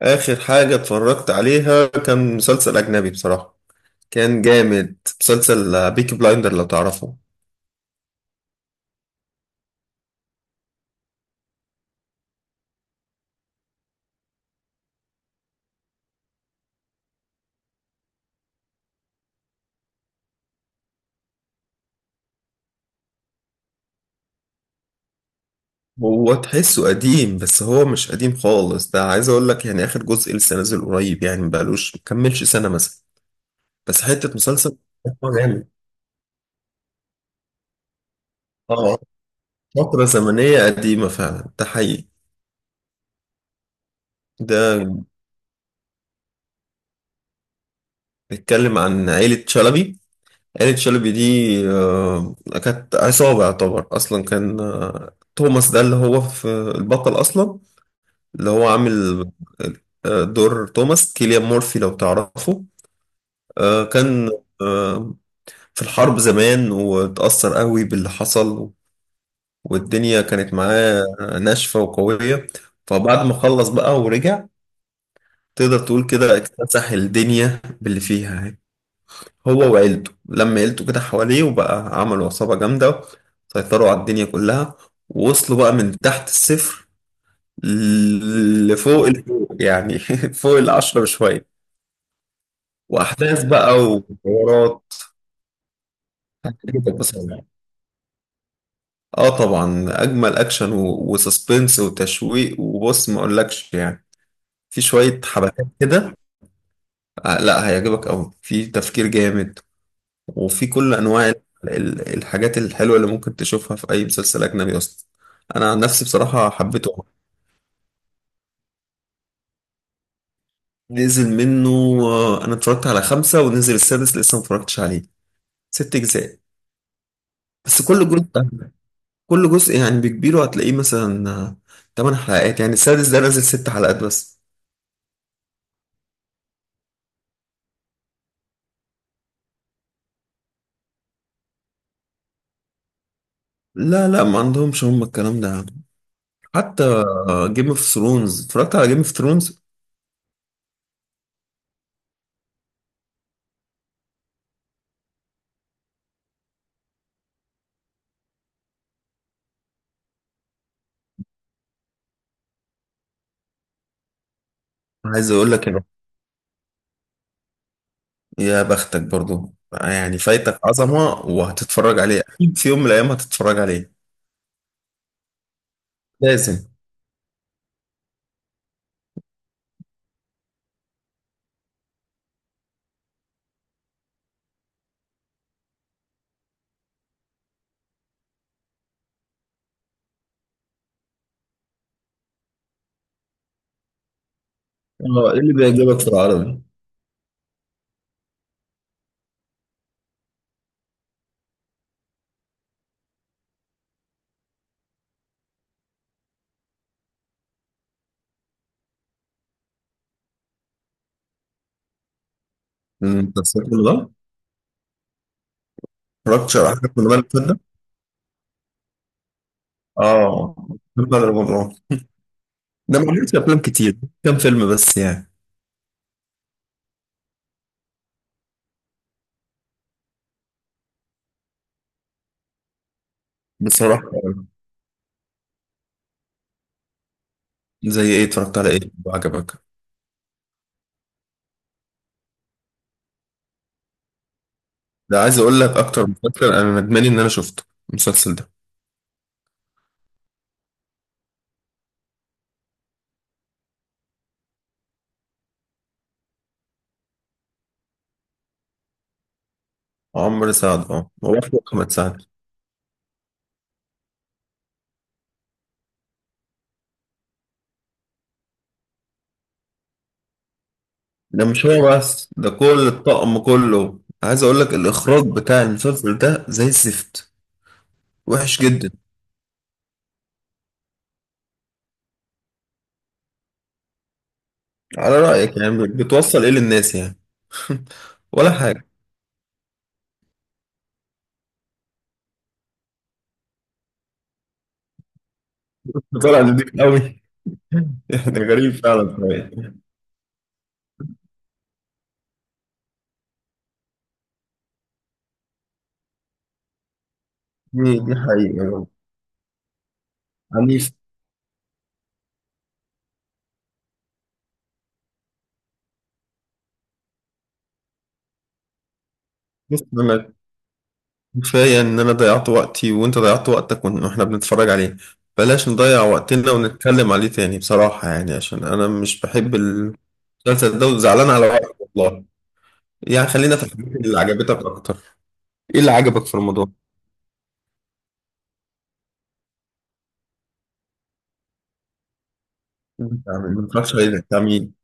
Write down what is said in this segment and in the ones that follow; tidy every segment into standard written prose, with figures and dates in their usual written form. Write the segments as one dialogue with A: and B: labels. A: آخر حاجة اتفرجت عليها كان مسلسل أجنبي بصراحة. كان جامد مسلسل بيكي بلايندر لو تعرفه. هو تحسه قديم بس هو مش قديم خالص، ده عايز أقول لك يعني آخر جزء لسه نازل قريب، يعني مبقالوش مكملش سنة مثلا. بس حتة مسلسل هو جامد. اه، فترة زمنية قديمة فعلا، ده حقيقي. ده بيتكلم عن عيلة شلبي. عيلة شلبي دي آه، كانت عصابة، يعتبر أصلا كان توماس ده اللي هو في البطل أصلا. اللي هو عامل دور توماس كيليان مورفي لو تعرفه. كان آه، في الحرب زمان، واتأثر قوي باللي حصل، والدنيا كانت معاه ناشفة وقوية. فبعد ما خلص بقى ورجع، تقدر تقول كده اكتسح الدنيا باللي فيها يعني، هو وعيلته، لما عيلته كده حواليه وبقى عملوا عصابة جامدة، سيطروا على الدنيا كلها. ووصلوا بقى من تحت الصفر لفوق الفوق يعني فوق العشرة بشوية. واحداث بقى وحوارات هتعجبك بصراحه. اه طبعا، اجمل اكشن وسسبنس وتشويق، وبص ما اقولكش يعني، في شويه حبكات كده. لا، هيعجبك قوي، في تفكير جامد، وفي كل انواع الحاجات الحلوه اللي ممكن تشوفها في اي مسلسل اجنبي اصلا. انا عن نفسي بصراحه حبيته أوي. نزل منه انا اتفرجت على خمسه، ونزل السادس لسه ما اتفرجتش عليه. ست اجزاء. بس كل جزء يعني بكبيره هتلاقيه مثلا 8 حلقات، يعني السادس ده نازل 6 حلقات بس. لا لا، ما عندهمش هم الكلام ده يعني. حتى جيم اوف ثرونز، اتفرجت على جيم اوف ثرونز. عايز اقول لك إنه يا بختك برضو يعني، فايتك عظمة وهتتفرج عليه اكيد، في يوم من الايام هتتفرج عليه، لازم. اه، ايه اللي بيعجبك في العربي؟ المسلسلات اللي ده؟ اتفرجتش على حاجة من اللي فات ده؟ اه، محمد رمضان ده ما عملش افلام كتير، كام فيلم بس يعني، بصراحة يعني. زي ايه، اتفرجت على ايه وعجبك؟ ده عايز اقول لك اكتر مسلسل انا ندمان ان انا شفته، المسلسل ده. عمرو سعد، اه، وافق محمد سعد. ده مش هو بس، ده كل الطقم كله، عايز اقول لك الاخراج بتاع المسلسل ده زي الزفت، وحش جدا. على رايك، يعني بتوصل ايه للناس يعني؟ ولا حاجه. طلع نضيف قوي يعني غريب فعلا شوية. دي حقيقه. عنيف. بص انا، كفاية إن أنا ضيعت وقتي وأنت ضيعت وقتك وإحنا بنتفرج عليه، بلاش نضيع وقتنا ونتكلم عليه تاني، بصراحة يعني، عشان أنا مش بحب المسلسل ده، وزعلان على وقتي والله. يعني خلينا في الحاجات اللي عجبتك أكتر. إيه اللي عجبك في رمضان؟ أنت ما اتفرجتش عليه بتاع مين؟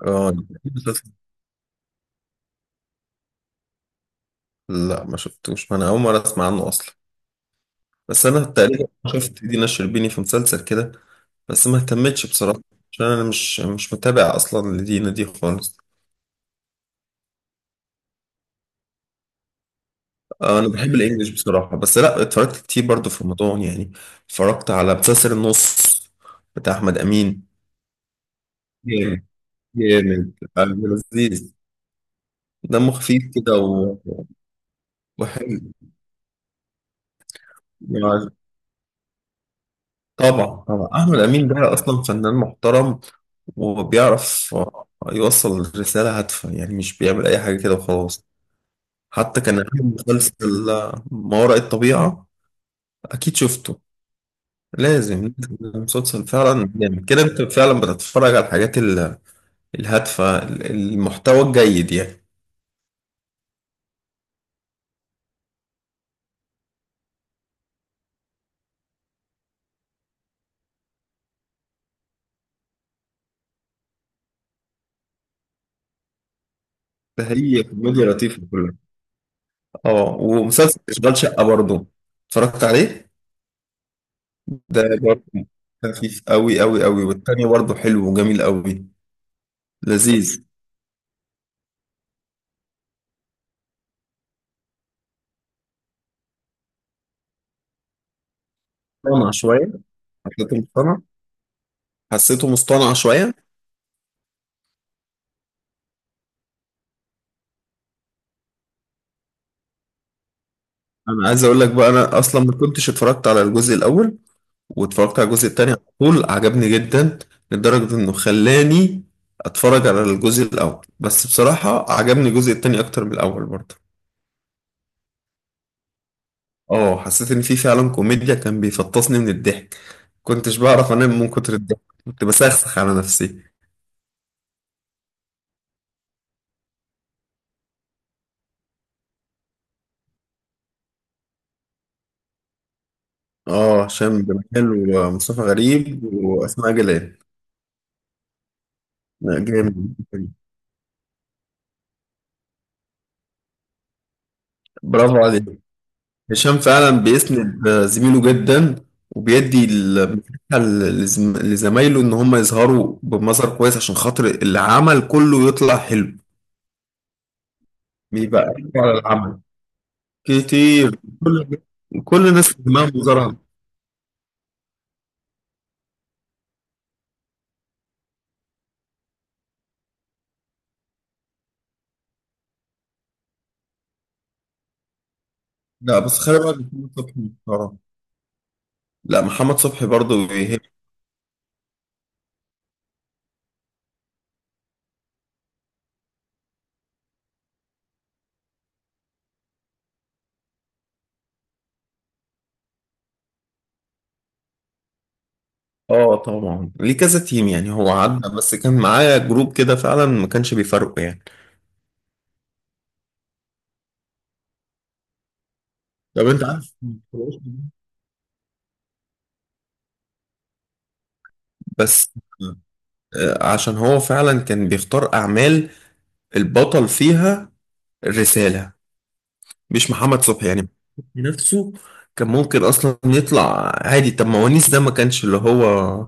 A: آه إيه، المسلسل؟ لا ما شفتوش، ما أنا أول مرة أسمع عنه أصلا. بس أنا تقريبا شفت دينا الشربيني في مسلسل كده، بس ما اهتمتش بصراحة، عشان أنا مش متابع أصلا لدينا دي خالص. انا بحب الانجليش بصراحه، بس لا، اتفرجت كتير برضو في رمضان يعني. اتفرجت على مسلسل النص بتاع احمد امين. جامد، جامد عبد، لذيذ، دمه خفيف كده وحلو يعني. طبعا طبعا، احمد امين ده اصلا فنان محترم، وبيعرف يوصل رساله هادفه، يعني مش بيعمل اي حاجه كده وخلاص. حتى كان عامل مسلسل ما وراء الطبيعه، اكيد شفته، لازم. المسلسل فعلا جامد كده، انت فعلا بتتفرج على الحاجات الهادفة، المحتوى الجيد يعني. هي كوميديا لطيفة كلها. اه، ومسلسل اشغال شقة برضو اتفرجت عليه. ده برضو خفيف قوي قوي قوي، والتاني برضو حلو وجميل قوي، لذيذ. مصطنع شوية، حسيته مصطنع، حسيته مصطنع شوية. انا عايز اقول لك بقى، انا اصلا ما كنتش اتفرجت على الجزء الاول، واتفرجت على الجزء التاني على طول، عجبني جدا، لدرجة انه خلاني اتفرج على الجزء الاول، بس بصراحة عجبني الجزء التاني اكتر من الاول برضه. اه، حسيت ان في فعلا كوميديا، كان بيفطسني من الضحك، كنتش بعرف انام من كتر الضحك، كنت بسخسخ على نفسي. اه، هشام جمال ومصطفى غريب واسماء جلال. لا، جامد. برافو عليك. هشام فعلا بيسند زميله جدا، وبيدي المساحة لزمايله ان هم يظهروا بمظهر كويس، عشان خاطر العمل كله يطلع حلو. بيبقى على العمل كتير. كل كل الناس دماغهم مظهرها. لا بس خلي بالك، محمد صبحي محترم. لا محمد صبحي برضو بيهب. اه طبعا، ليه كذا تيم يعني، هو عدى بس كان معايا جروب كده، فعلا ما كانش بيفرقوا يعني. طب انت عارف، بس عشان هو فعلا كان بيختار اعمال البطل فيها الرسالة، مش محمد صبحي يعني نفسه. كان ممكن اصلا يطلع عادي، طب ما ونيس ده ما كانش اللي هو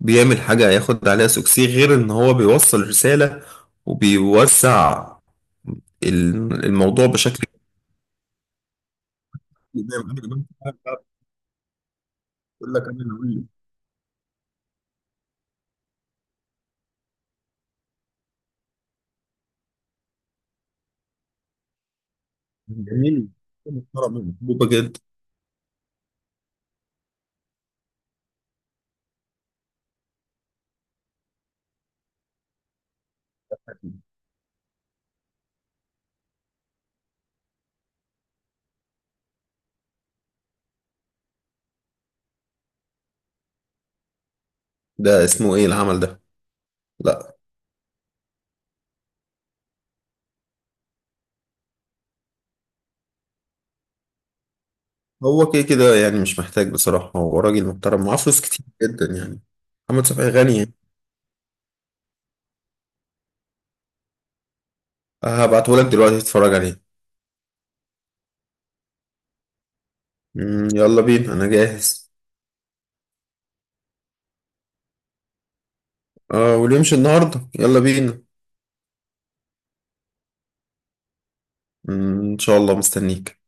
A: بيعمل حاجة ياخد عليها سوكسي غير ان هو بيوصل رسالة، وبيوسع الموضوع بشكل كبير. زي ما انا جمال بقول لك، انا اللي اقول لك. جميل، محترم، محبوبه جدا. ده اسمه ايه العمل ده؟ لا، هو كده كده يعني مش محتاج بصراحه، هو راجل محترم معاه فلوس كتير جدا يعني، محمد شفقي غني يعني. هبعته لك دلوقتي تتفرج عليه. يلا بينا انا جاهز. اه، واللي يمشي النهارده يلا بينا. ان شاء الله مستنيك.